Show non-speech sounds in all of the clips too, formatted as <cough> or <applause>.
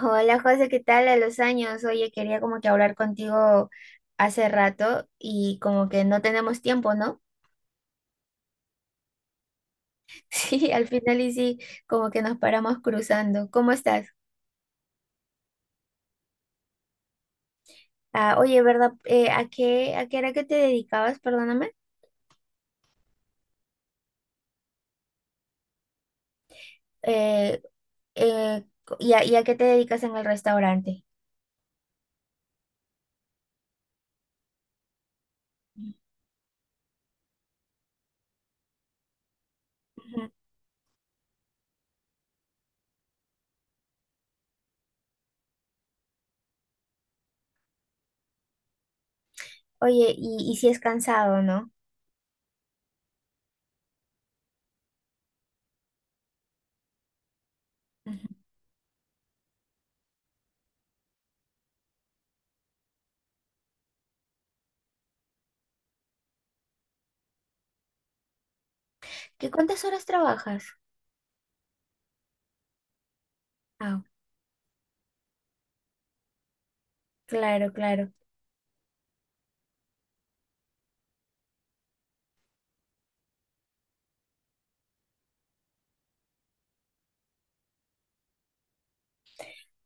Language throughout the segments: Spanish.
Hola José, ¿qué tal a los años? Oye, quería como que hablar contigo hace rato y como que no tenemos tiempo, ¿no? <laughs> Sí, al final y sí, como que nos paramos cruzando. ¿Cómo estás? Ah, oye, ¿verdad? ¿A qué era que te dedicabas? Perdóname. Eh, eh, y a qué te dedicas en el restaurante? Ujú. Oye, y si es cansado, ¿no? Ujú. ¿Qué cuántas horas trabajas? Ah, claro, claro.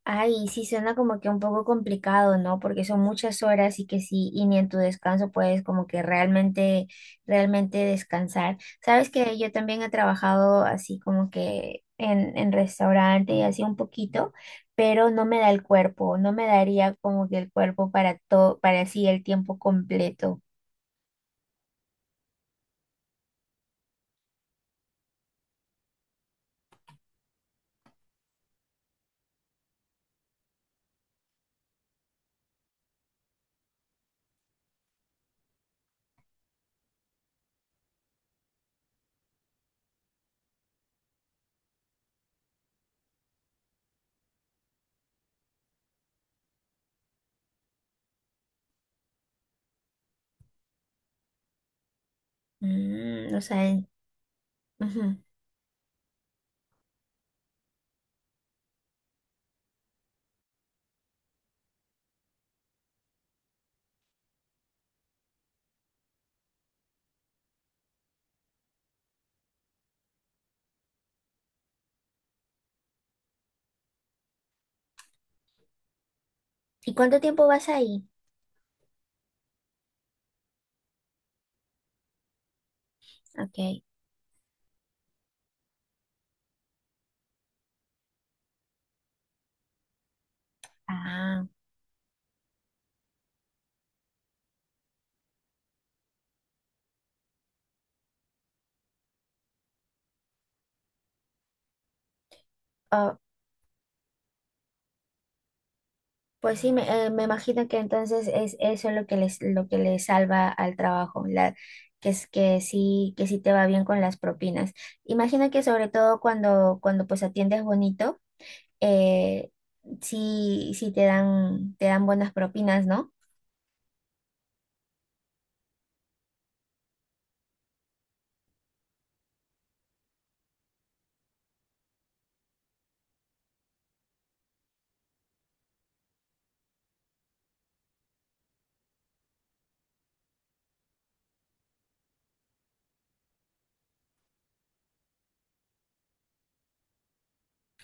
Ay, sí, suena como que un poco complicado, ¿no? Porque son muchas horas y que sí, y ni en tu descanso puedes como que realmente descansar. Sabes que yo también he trabajado así como que en restaurante y así un poquito, pero no me da el cuerpo, no me daría como que el cuerpo para todo, para así el tiempo completo. O sea, ujú. ¿Y cuánto tiempo vas ahí? Ok. Ah. Pues sí, me imagino que entonces es eso lo que les salva al trabajo, que es que sí te va bien con las propinas. Imagino que sobre todo cuando pues atiendes bonito, eh, sí, sí te dan buenas propinas, ¿no?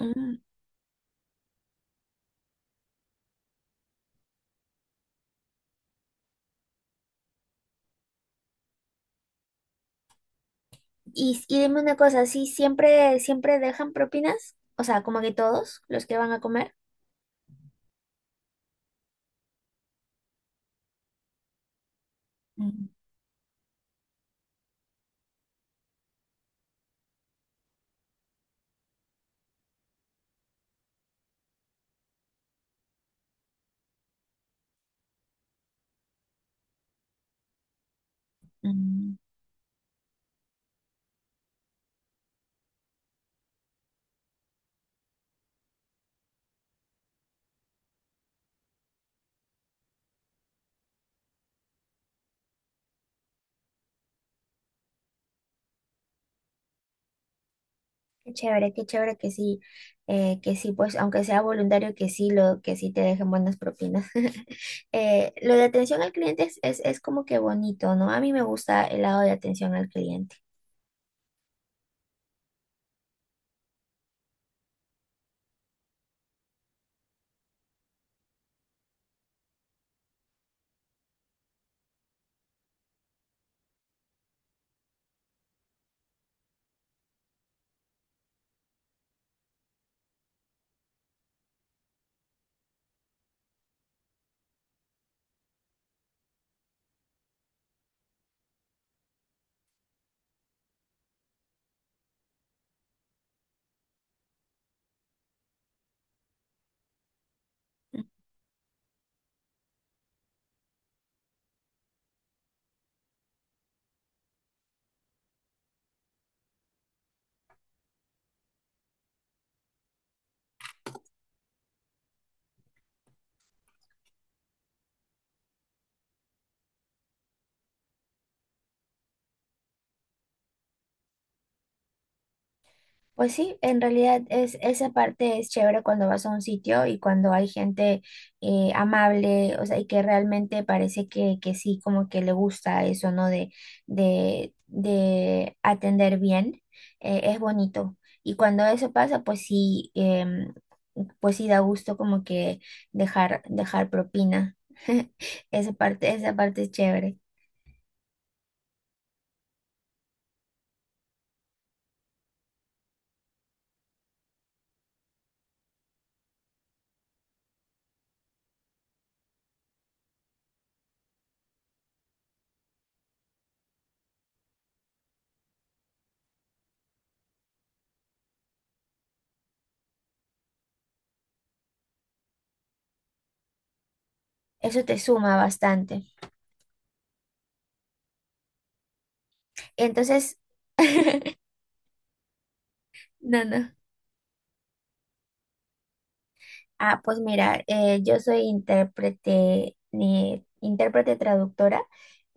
Mm. Y dime una cosa, ¿sí siempre dejan propinas? O sea, como que todos los que van a comer. Mm, mm. Qué chévere que sí, pues, aunque sea voluntario, que sí, que sí te dejen buenas propinas. <laughs> Lo de atención al cliente es como que bonito, ¿no? A mí me gusta el lado de atención al cliente. Pues sí, en realidad es esa parte es chévere cuando vas a un sitio y cuando hay gente amable, o sea, y que realmente parece que sí, como que le gusta eso, ¿no? De atender bien, es bonito. Y cuando eso pasa, pues sí, pues sí da gusto como que dejar propina. <laughs> Esa parte es chévere. Eso te suma bastante. Entonces, <laughs> no, no. Ah, pues mira, yo soy intérprete, ni intérprete traductora,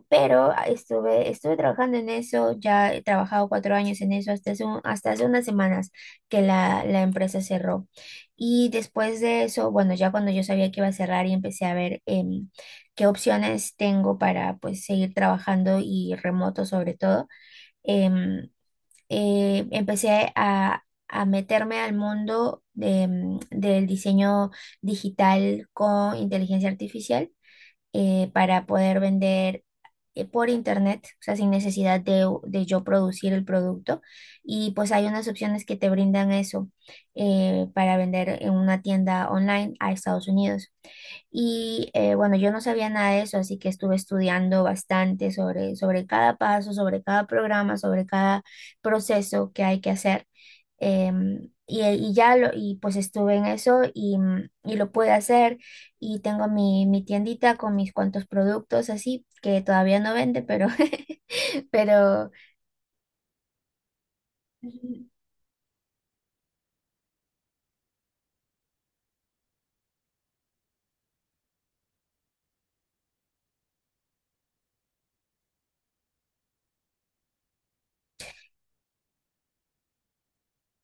pero estuve trabajando en eso, ya he trabajado 4 años en eso hasta hace unas semanas que la empresa cerró. Y después de eso, bueno, ya cuando yo sabía que iba a cerrar y empecé a ver qué opciones tengo para pues seguir trabajando y remoto sobre todo, em, empecé a meterme al mundo del diseño digital con inteligencia artificial para poder vender por internet, o sea, sin necesidad de yo producir el producto. Y pues hay unas opciones que te brindan eso para vender en una tienda online a Estados Unidos. Y bueno, yo no sabía nada de eso, así que estuve estudiando bastante sobre cada paso, sobre cada programa, sobre cada proceso que hay que hacer. Y pues estuve en eso y lo pude hacer. Y tengo mi tiendita con mis cuantos productos así, que todavía no vende, pero, <laughs> pero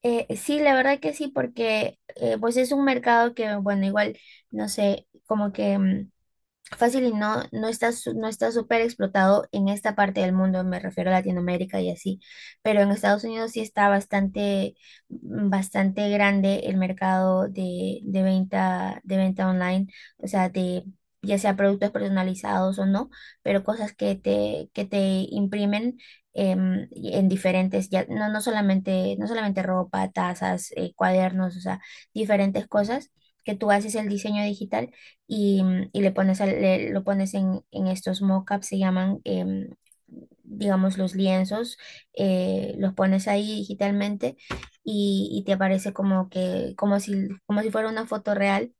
sí, la verdad que sí, porque pues es un mercado que, bueno, igual, no sé, como que fácil y no, no está súper explotado en esta parte del mundo, me refiero a Latinoamérica y así, pero en Estados Unidos sí está bastante grande el mercado de venta online, o sea, de ya sea productos personalizados o no, pero cosas que te imprimen y en diferentes, ya, no, no solamente ropa, tazas, cuadernos, o sea, diferentes cosas que tú haces el diseño digital y le pones lo pones en estos mockups, se llaman, digamos, los lienzos, los pones ahí digitalmente y te aparece como que, como si fuera una foto real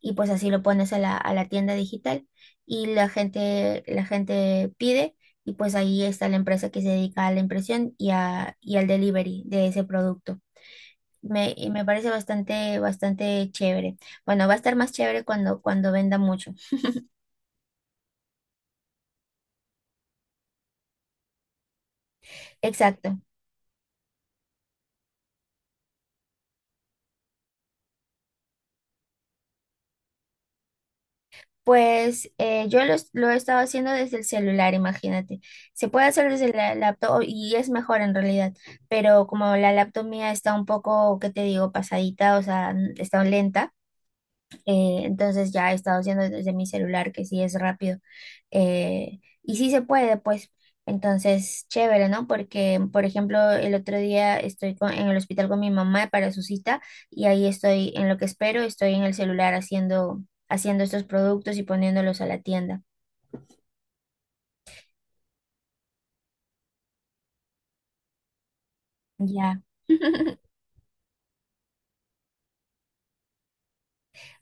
y pues así lo pones a la tienda digital y la gente pide y pues ahí está la empresa que se dedica a la impresión y al delivery de ese producto. Y me parece bastante chévere. Bueno, va a estar más chévere cuando venda mucho. Exacto. Pues lo he estado haciendo desde el celular, imagínate. Se puede hacer desde la laptop y es mejor en realidad, pero como la laptop mía está un poco, ¿qué te digo?, pasadita, o sea, está lenta, entonces ya he estado haciendo desde mi celular, que sí es rápido. Y sí se puede, pues, entonces, chévere, ¿no? Porque, por ejemplo, el otro día estoy en el hospital con mi mamá para su cita y ahí estoy en lo que espero, estoy en el celular haciendo estos productos y poniéndolos a la tienda. Ya. <laughs>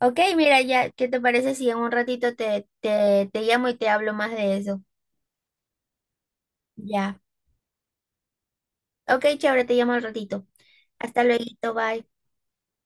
Ok, mira, ya, ¿qué te parece si en un ratito te llamo y te hablo más de eso? Ya. Ok, chévere, te llamo al ratito. Hasta luego, bye.